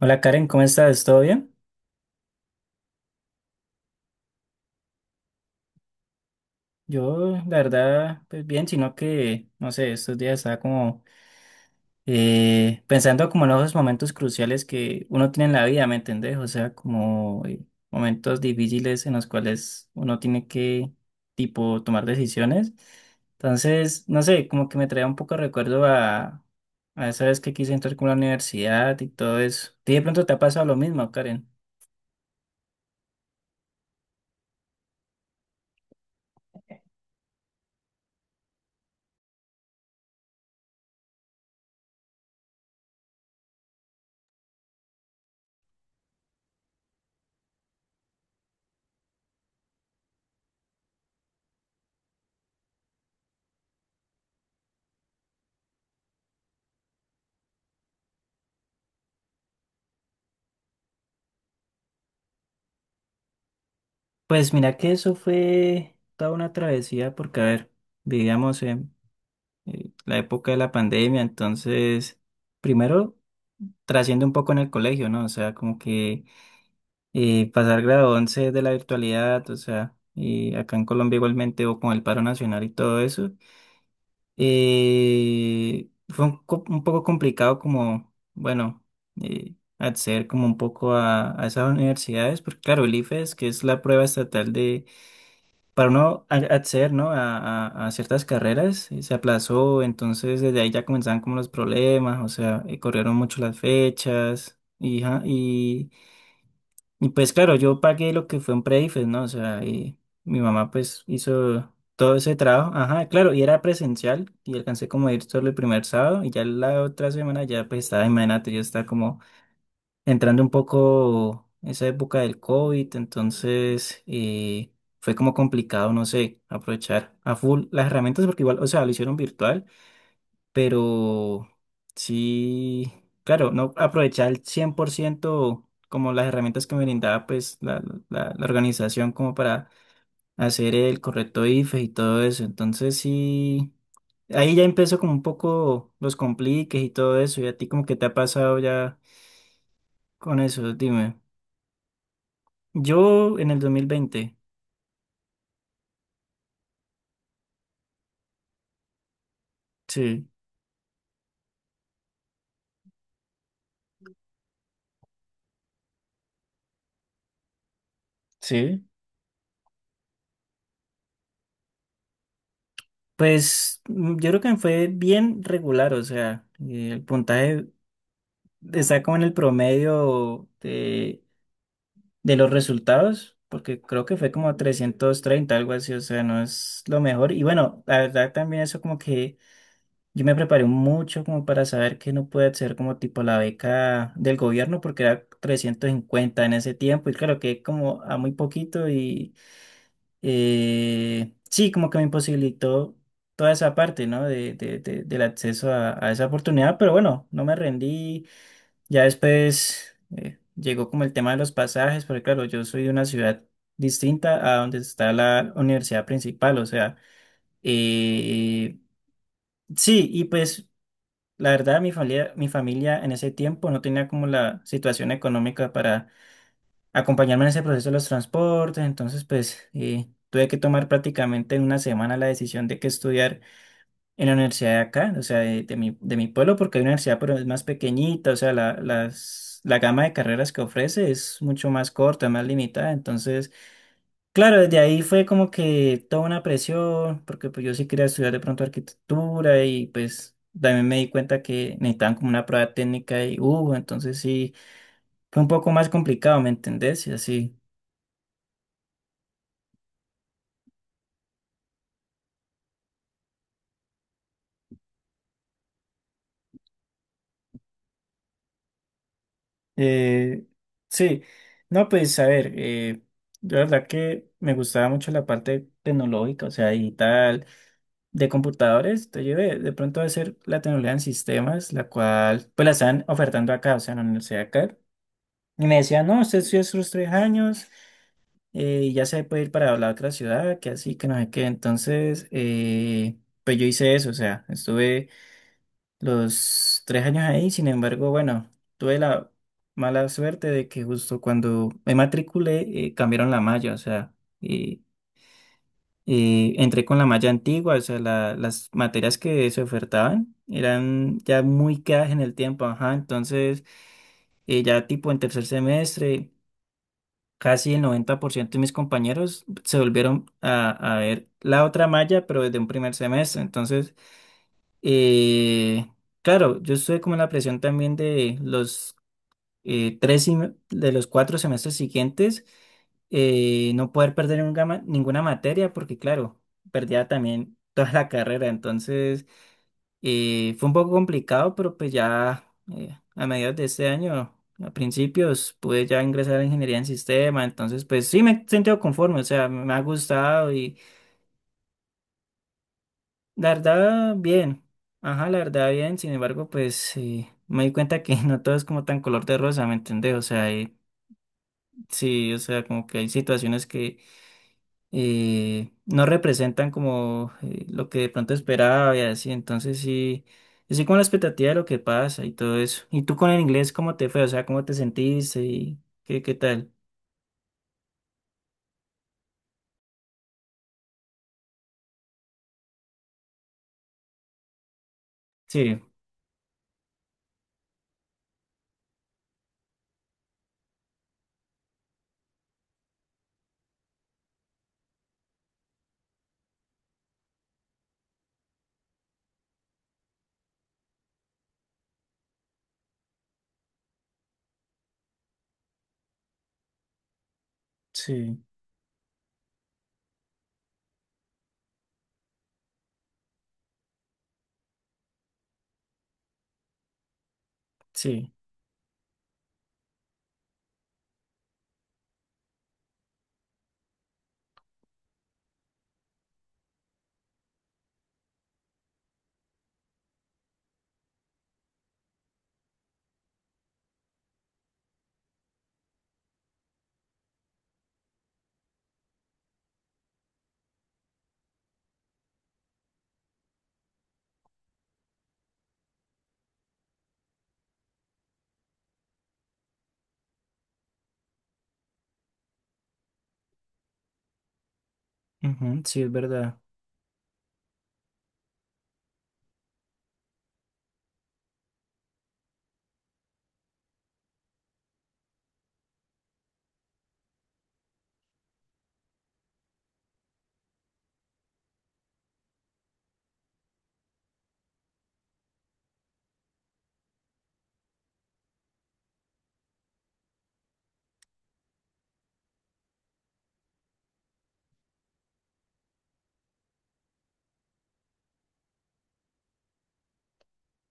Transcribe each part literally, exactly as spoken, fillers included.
Hola Karen, ¿cómo estás? ¿Todo bien? Yo, la verdad, pues bien, sino que, no sé, estos días estaba como eh, pensando como en los momentos cruciales que uno tiene en la vida, ¿me entendés? O sea, como eh, momentos difíciles en los cuales uno tiene que, tipo, tomar decisiones. Entonces, no sé, como que me trae un poco de recuerdo a, a esa vez que quise entrar con la universidad y todo eso. ¿Y de pronto te ha pasado lo mismo, Karen? Pues mira que eso fue toda una travesía porque, a ver, vivíamos en eh, la época de la pandemia, entonces, primero, trasciende un poco en el colegio, ¿no? O sea, como que eh, pasar grado once de la virtualidad, o sea, y acá en Colombia igualmente, o con el paro nacional y todo eso, eh, fue un, co- un poco complicado como, bueno, eh, acceder como un poco a, a esas universidades, porque claro, el I F E S, que es la prueba estatal de para no a- acceder, ¿no? a, a- a ciertas carreras, y se aplazó, entonces desde ahí ya comenzaban como los problemas, o sea, eh, corrieron mucho las fechas, y, ja- y, y pues claro, yo pagué lo que fue un pre-I F E S, ¿no? O sea, y mi mamá pues hizo todo ese trabajo, ajá, claro, y era presencial, y alcancé como a ir solo el primer sábado, y ya la otra semana ya pues estaba, imagínate, yo estaba como entrando un poco esa época del COVID, entonces eh, fue como complicado, no sé, aprovechar a full las herramientas porque igual, o sea, lo hicieron virtual, pero sí, claro, no aprovechar al cien por ciento como las herramientas que me brindaba pues la, la, la organización como para hacer el correcto I F E y todo eso, entonces sí. Ahí ya empezó como un poco los compliques y todo eso, y a ti como que te ha pasado ya con eso, dime. Yo en el dos mil veinte. Sí. Sí. Pues mm, yo creo que me fue bien regular, o sea, eh, el puntaje está como en el promedio de, de los resultados, porque creo que fue como trescientos treinta algo así, o sea, no es lo mejor. Y bueno, la verdad también eso como que yo me preparé mucho como para saber que no puede ser como tipo la beca del gobierno, porque era trescientos cincuenta en ese tiempo, y claro que como a muy poquito y eh, sí, como que me imposibilitó toda esa parte, ¿no? De, de- de- del acceso a, a esa oportunidad, pero bueno, no me rendí. Ya después eh, llegó como el tema de los pasajes, porque claro, yo soy de una ciudad distinta a donde está la universidad principal, o sea, eh, sí, y pues la verdad mi familia, mi familia en ese tiempo no tenía como la situación económica para acompañarme en ese proceso de los transportes, entonces pues eh, tuve que tomar prácticamente en una semana la decisión de que estudiar en la universidad de acá, o sea, de, de mi, de mi pueblo, porque hay una universidad pero es más pequeñita, o sea, la, las, la gama de carreras que ofrece es mucho más corta, más limitada, entonces, claro, desde ahí fue como que toda una presión, porque pues yo sí quería estudiar de pronto arquitectura y pues... También me di cuenta que necesitaban como una prueba técnica y hubo, entonces sí, fue un poco más complicado, ¿me entendés? Y así. Eh, sí, no, pues a ver, eh, yo la verdad que me gustaba mucho la parte tecnológica, o sea, digital, de computadores, te llevé de pronto a hacer la tecnología en sistemas, la cual pues la están ofertando acá, o sea, en la universidad acá, y me decían, no, usted estudia sus tres años eh, y ya se puede ir para la otra ciudad, que así, que no sé qué, entonces, eh, pues yo hice eso, o sea, estuve los tres años ahí. Sin embargo, bueno, tuve la mala suerte de que justo cuando me matriculé eh, cambiaron la malla, o sea, y, y entré con la malla antigua, o sea, la- las materias que se ofertaban eran ya muy quedadas en el tiempo, ajá, entonces eh, ya tipo en tercer semestre, casi el noventa por ciento de mis compañeros se volvieron a, a ver la otra malla, pero desde un primer semestre. Entonces, eh, claro, yo estuve como en la presión también de los eh, tres, sime- de los cuatro semestres siguientes, eh, no poder perder nunca ma- ninguna materia, porque claro, perdía también toda la carrera, entonces eh, fue un poco complicado, pero pues ya eh, a mediados de este año, a principios, pude ya ingresar a ingeniería en sistema, entonces pues sí me he sentido conforme, o sea, me ha gustado. La verdad, bien. Ajá, la verdad, bien. Sin embargo, pues eh, me di cuenta que no todo es como tan color de rosa, ¿me entendés? O sea, eh, sí, o sea, como que hay situaciones que eh, no representan como eh, lo que de pronto esperaba y así. Entonces, sí, yo sí con la expectativa de lo que pasa y todo eso. ¿Y tú con el inglés, cómo te fue? O sea, ¿cómo te sentiste y qué, qué tal? Sí, sí, sí. Ujú, sí, es verdad.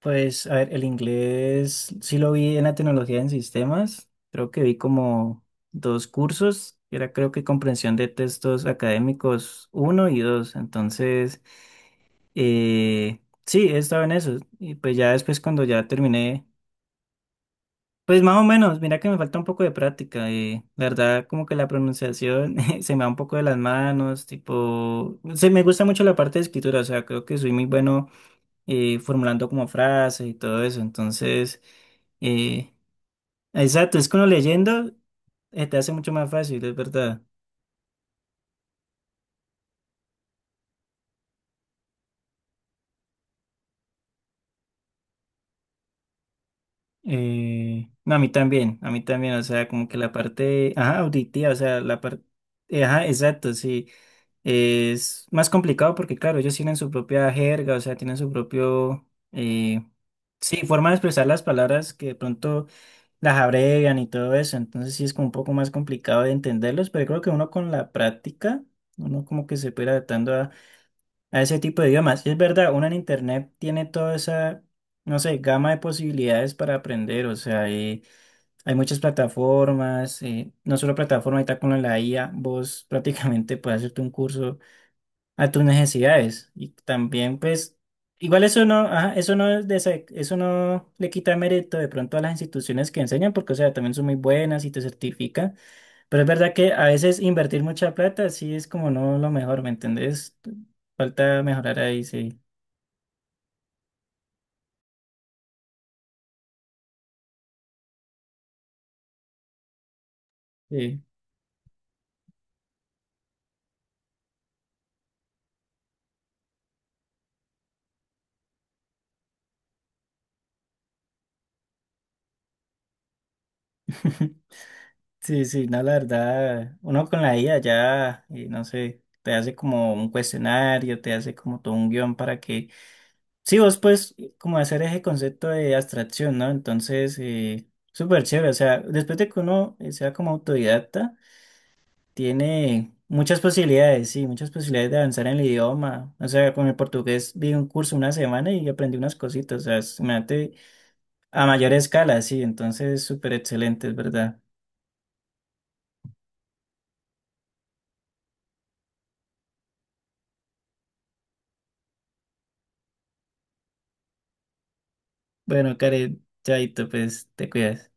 Pues, a ver, el inglés sí lo vi en la tecnología en sistemas. Creo que vi como dos cursos. Era creo que comprensión de textos académicos uno y dos. Entonces, eh, sí, he estado en eso. Y pues ya después cuando ya terminé, pues más o menos, mira que me falta un poco de práctica. Eh, la verdad, como que la pronunciación se me va un poco de las manos, tipo, se me gusta mucho la parte de escritura, o sea, creo que soy muy bueno eh, formulando como frases y todo eso. Entonces, eh, exacto, es que uno leyendo eh, te hace mucho más fácil, es verdad. Eh, no, a mí también, a mí también, o sea, como que la parte, ajá, auditiva, o sea, la parte, ajá, exacto, sí. Es más complicado porque, claro, ellos tienen su propia jerga, o sea, tienen su propio, eh, sí, forma de expresar las palabras que de pronto las abrevian y todo eso, entonces sí es como un poco más complicado de entenderlos, pero creo que uno con la práctica, uno como que se puede ir adaptando a, a ese tipo de idiomas. Y es verdad, uno en internet tiene toda esa, no sé, gama de posibilidades para aprender, o sea, hay, hay muchas plataformas, eh, no solo plataformas, ahorita con la I A, vos prácticamente puedes hacerte un curso a tus necesidades. Y también, pues, igual eso no, ajá, eso no es desa- eso no le quita mérito de pronto a las instituciones que enseñan, porque, o sea, también son muy buenas y te certifican. Pero es verdad que a veces invertir mucha plata sí es como no lo mejor, ¿me entendés? Falta mejorar ahí, sí. Sí, sí, sí, no, la verdad, uno con la I A ya, eh, no sé, te hace como un cuestionario, te hace como todo un guión para que. Sí, vos puedes como hacer ese concepto de abstracción, ¿no? Entonces, eh, súper chévere. O sea, después de que uno eh, sea como autodidacta, tiene muchas posibilidades, sí, muchas posibilidades de avanzar en el idioma. O sea, con el portugués vi un curso una semana y aprendí unas cositas. O sea, es- imagínate a mayor escala, sí. Entonces, súper excelente, es verdad. Bueno, Karen, chaito, pues te cuidas.